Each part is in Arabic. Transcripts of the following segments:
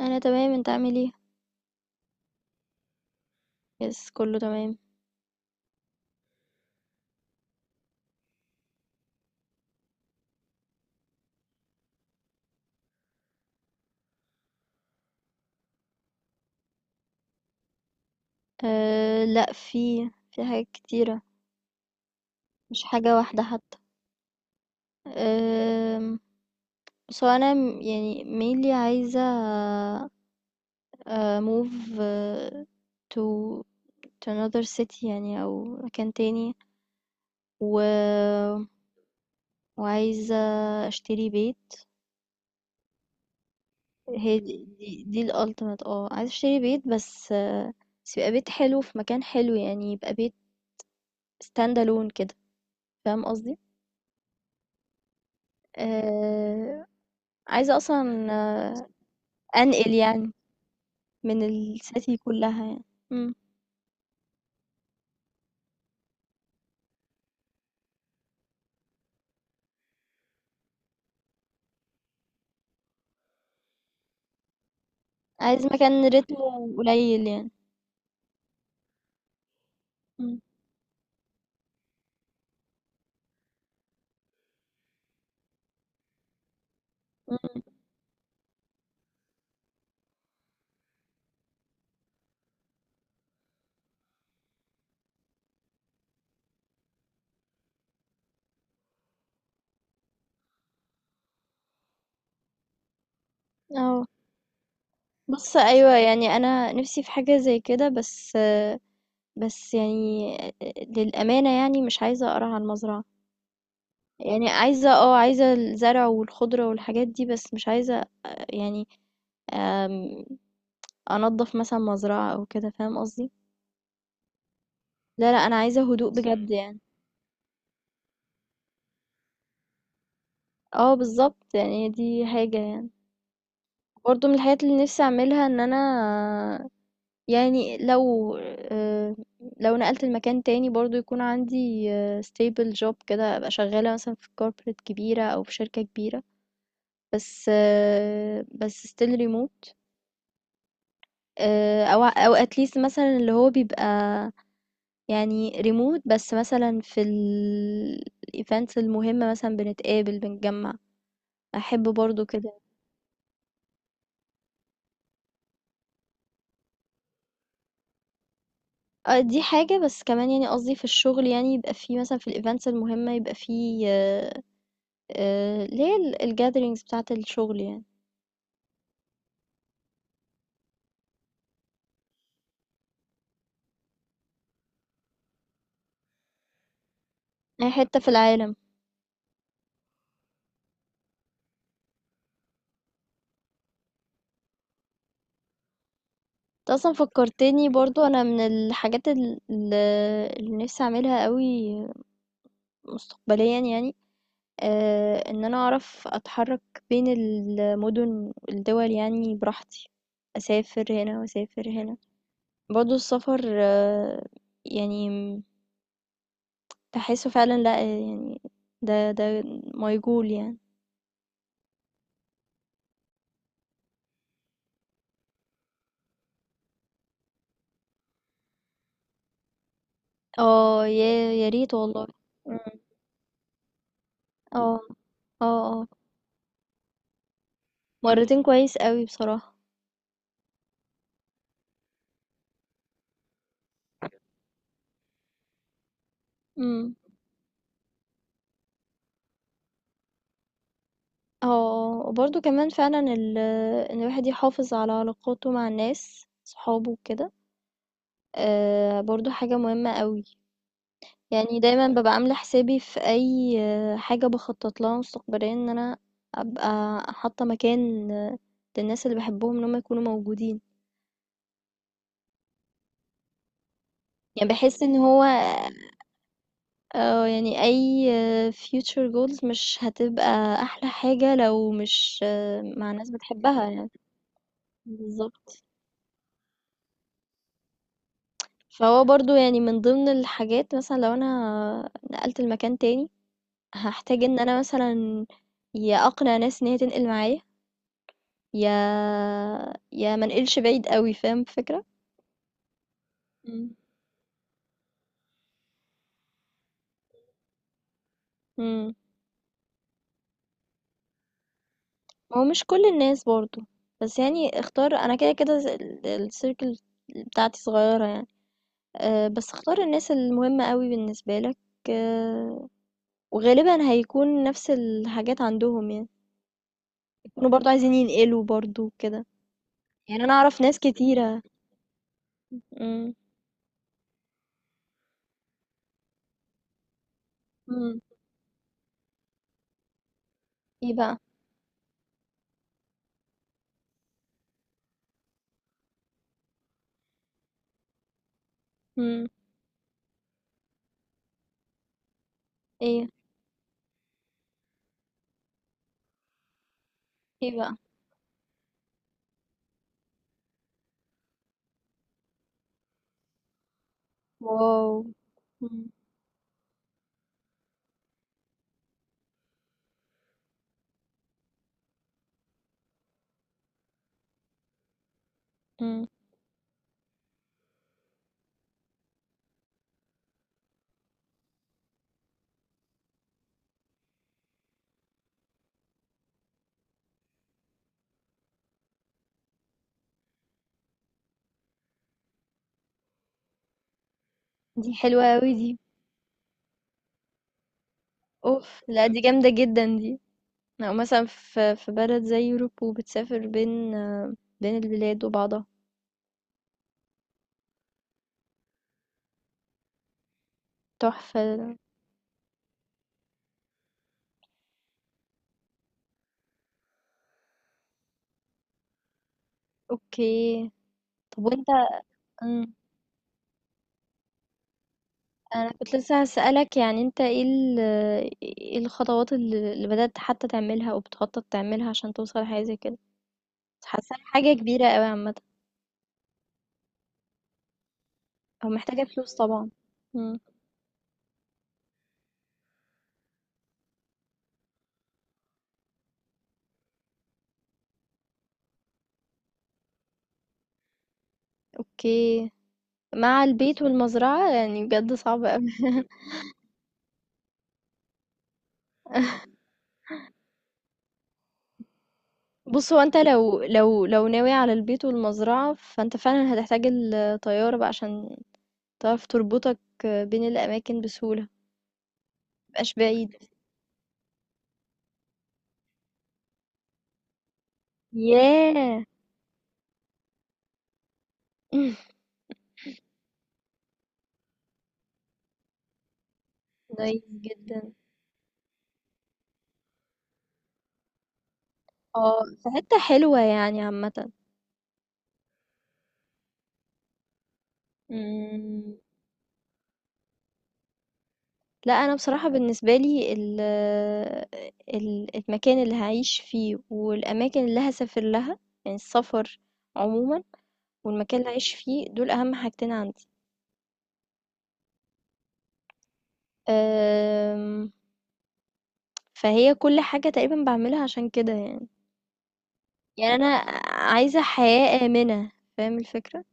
أنا تمام، أنت عامل إيه؟ يس كله تمام. أه لأ في حاجات كتيرة. مش حاجة واحدة حتى. أه. بس هو أنا يعني mainly عايزة move to to another city يعني أو مكان تاني و وعايزة أشتري بيت. هي دي ال ultimate عايزة أشتري بيت بس بس يبقى بيت حلو في مكان حلو يعني يبقى بيت stand alone كده. فاهم قصدي؟ آه، عايزة أصلًا أنقل يعني من الcity كلّها يعني، إمم، عايزة مكان رتمه قليل يعني، إمم، إمم، آه، بُص أيوه يعني أنا نِفْسي في حاجة زي كده بس بس يعني للأمانة يعني مش عايزة أقرع على المزرعة، يعني عايزة الزرع والخضرة والحاجات دي بس مش عايزة آه، يعني آمم، أنضّف مثلًا مزرعة أو كده. فاهم قصدي؟ لا، لأ، أنا عايزة هدوء بجد يعني، آه بالضبط، يعني دي حاجة يعني. برضو من الحاجات اللي نفسي اعملها ان انا يعني لو نقلت المكان تاني برضو يكون عندي stable job كده ابقى شغالة مثلا في corporate كبيرة او في شركة كبيرة بس still remote. او at least مثلا اللي هو بيبقى يعني remote بس مثلا في ال events المهمة مثلا بنتقابل بنتجمع. احب برضو كده. آه، دي حاجة، بس كمان يعني قصدي في الشغل يعني يبقى في مثلًا في الevents المهمة يبقى في آآ، اللي هي ال الgatherings بتاعة الشغل يعني، أي حتة في العالم. أنت أصلًا فكّرتني برضه أنا من الحاجات ال اللي نفسي أعملها أوي مستقبليًا يعني، إن أنا أعرف أتحرّك بين المدن والدول يعني براحتي، أسافر هنا وأسافر هنا. برضه السفر يعني تحسه فعلا لأ يعني ده ميجول يعني. آه، يا ريت والله. إمم. آه. آه، آه. مرّتين كويس أوي بصراحة. إمم. آه، آه. وبرضه كمان فعلًا إن الواحد يحافظ على علاقاته مع الناس، صحابه وكده، برضه حاجة مهمة أوي. يعني دايمًا بابقى عاملة حسابي في أي حاجة باخطط لها مستقبليًا إن أنا أبقى حاطة مكان للناس اللي باحبهم إن هم يكونوا موجودين. يعني باحس إن هو يعني أي future goals مش هتبقى أحلى حاجة لو مش مع ناس بتحبها يعني. بالظبط. فهو برضو يعني من ضمن الحاجات مثلا لو أنا نقلت المكان تاني هحتاج إن أنا مثلا يا أقنع ناس إن هي تنقل معايا يا يا منقلش بعيد قوي. فاهم الفكرة. مم. مم. هو مش كل الناس برضو بس يعني اختار أنا كده كده السيركل بتاعتي صغيرة يعني. بس اختار الناس المهمة أوي بالنسبة لك، آه، وغالبًا هيكون نفس الحاجات عندهم يعني، يكونوا برضه عايزين ينقلوا برضه وكده، يعني أنا أعرف ناس كتيرة. إمم، إمم، إيه بقى؟ إمم، إيه، إيه بقى؟ واو! إمم، إمم، دي حلوة أوي دي، أوف! لأ دي جامدة جدًا دي، أو مثلًا في بلد زي Europe وبتسافر بين البلاد وبعضها، تحفة، أوكي، طب وأنت. إمم. أنا كنت لسه هاسألك يعني أنت إيه الخطوات اللي بدأت حتى تعملها أو بتخطط تعملها عشان توصل لحاجة زي كده بس حاسة حاجة كبيرة أوي عامة أو محتاجة فلوس طبعا. مم. أوكي. مع البيت والمزرعة يعني بجد صعب أوي بص هو أنت لو ناوي على البيت والمزرعة فأنت فعلا هتحتاج الطيارة بقى عشان تعرف تربطك بين الأماكن بسهولة متبقاش بعيد. ياه نايس جدا. اه في حتة حلوة يعني عامة. مم، لا انا بصراحة بالنسبة لي المكان اللي هعيش فيه والاماكن اللي هسافر لها يعني السفر عموما والمكان اللي هعيش فيه دول اهم حاجتين عندي. أم، فهي كل حاجة تقريبا بعملها عشان كده يعني. يعني انا عايزة حياة آمنة. فاهم الفكرة.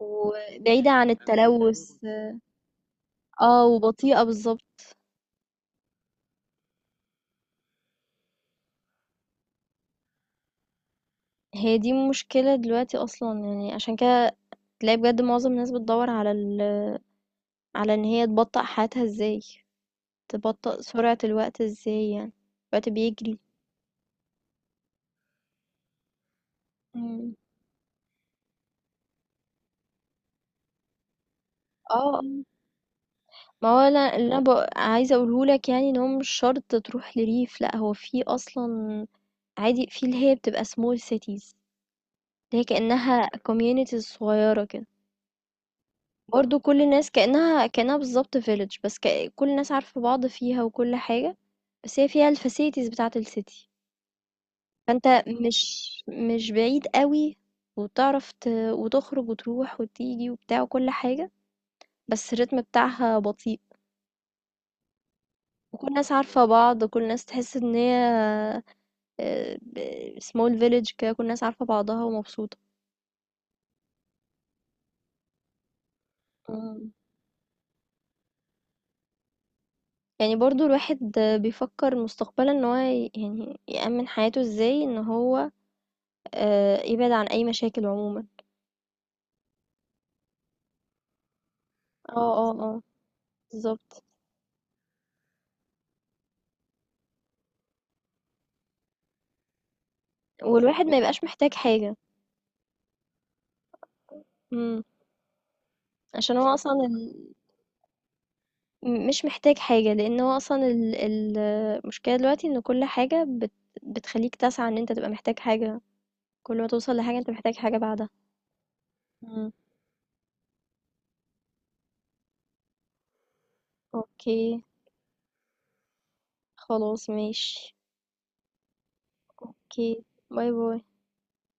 وبعيدة عن التلوث. اه وبطيئة بالظبط. هي دي مشكلة دلوقتي اصلا يعني عشان كده تلاقي بجد معظم الناس بتدور على إن هي تبطأ حياتها ازاي تبطأ سرعة الوقت ازاي يعني الوقت بيجري. إمم. اه آه. ما هو أنا اللي أنا عايزة أقوله لك يعني إن هو مش شرط تروح لريف لأ هو في أصلًا عادي في اللي هي بتبقى small cities اللي هي كأنها communities صغيرة كده، برضه كل الناس كأنها بالضبط village بس كل الناس عارفة بعض فيها وكل حاجة، بس هي فيها الfacilities بتاعة الcity. فأنت مش بعيد قوي وبتعرف وتخرج وتروح وتيجي وبتاع وكل حاجة بس الريتم بتاعها بطيء وكل الناس عارفة بعض كل الناس تحس ان هي سمول فيليج كده كل الناس عارفة بعضها ومبسوطة. مم. يعني برضو الواحد بيفكر مستقبلا ان هو يعني يأمن حياته ازاي ان هو يبعد عن اي مشاكل عموما. اه اه اه بالظبط والواحد ما يبقاش محتاج حاجة. مم. عشان هو اصلا مش محتاج حاجة، لإن هو أصلًا ال المشكلة دلوقتي إن كل حاجة بتخلّيك تسعى إن أنت تبقى محتاج حاجة، كل ما توصل لحاجة أنت محتاج حاجة بعدها. إمم. أوكي، خلاص ماشي، أوكي، باي، باي.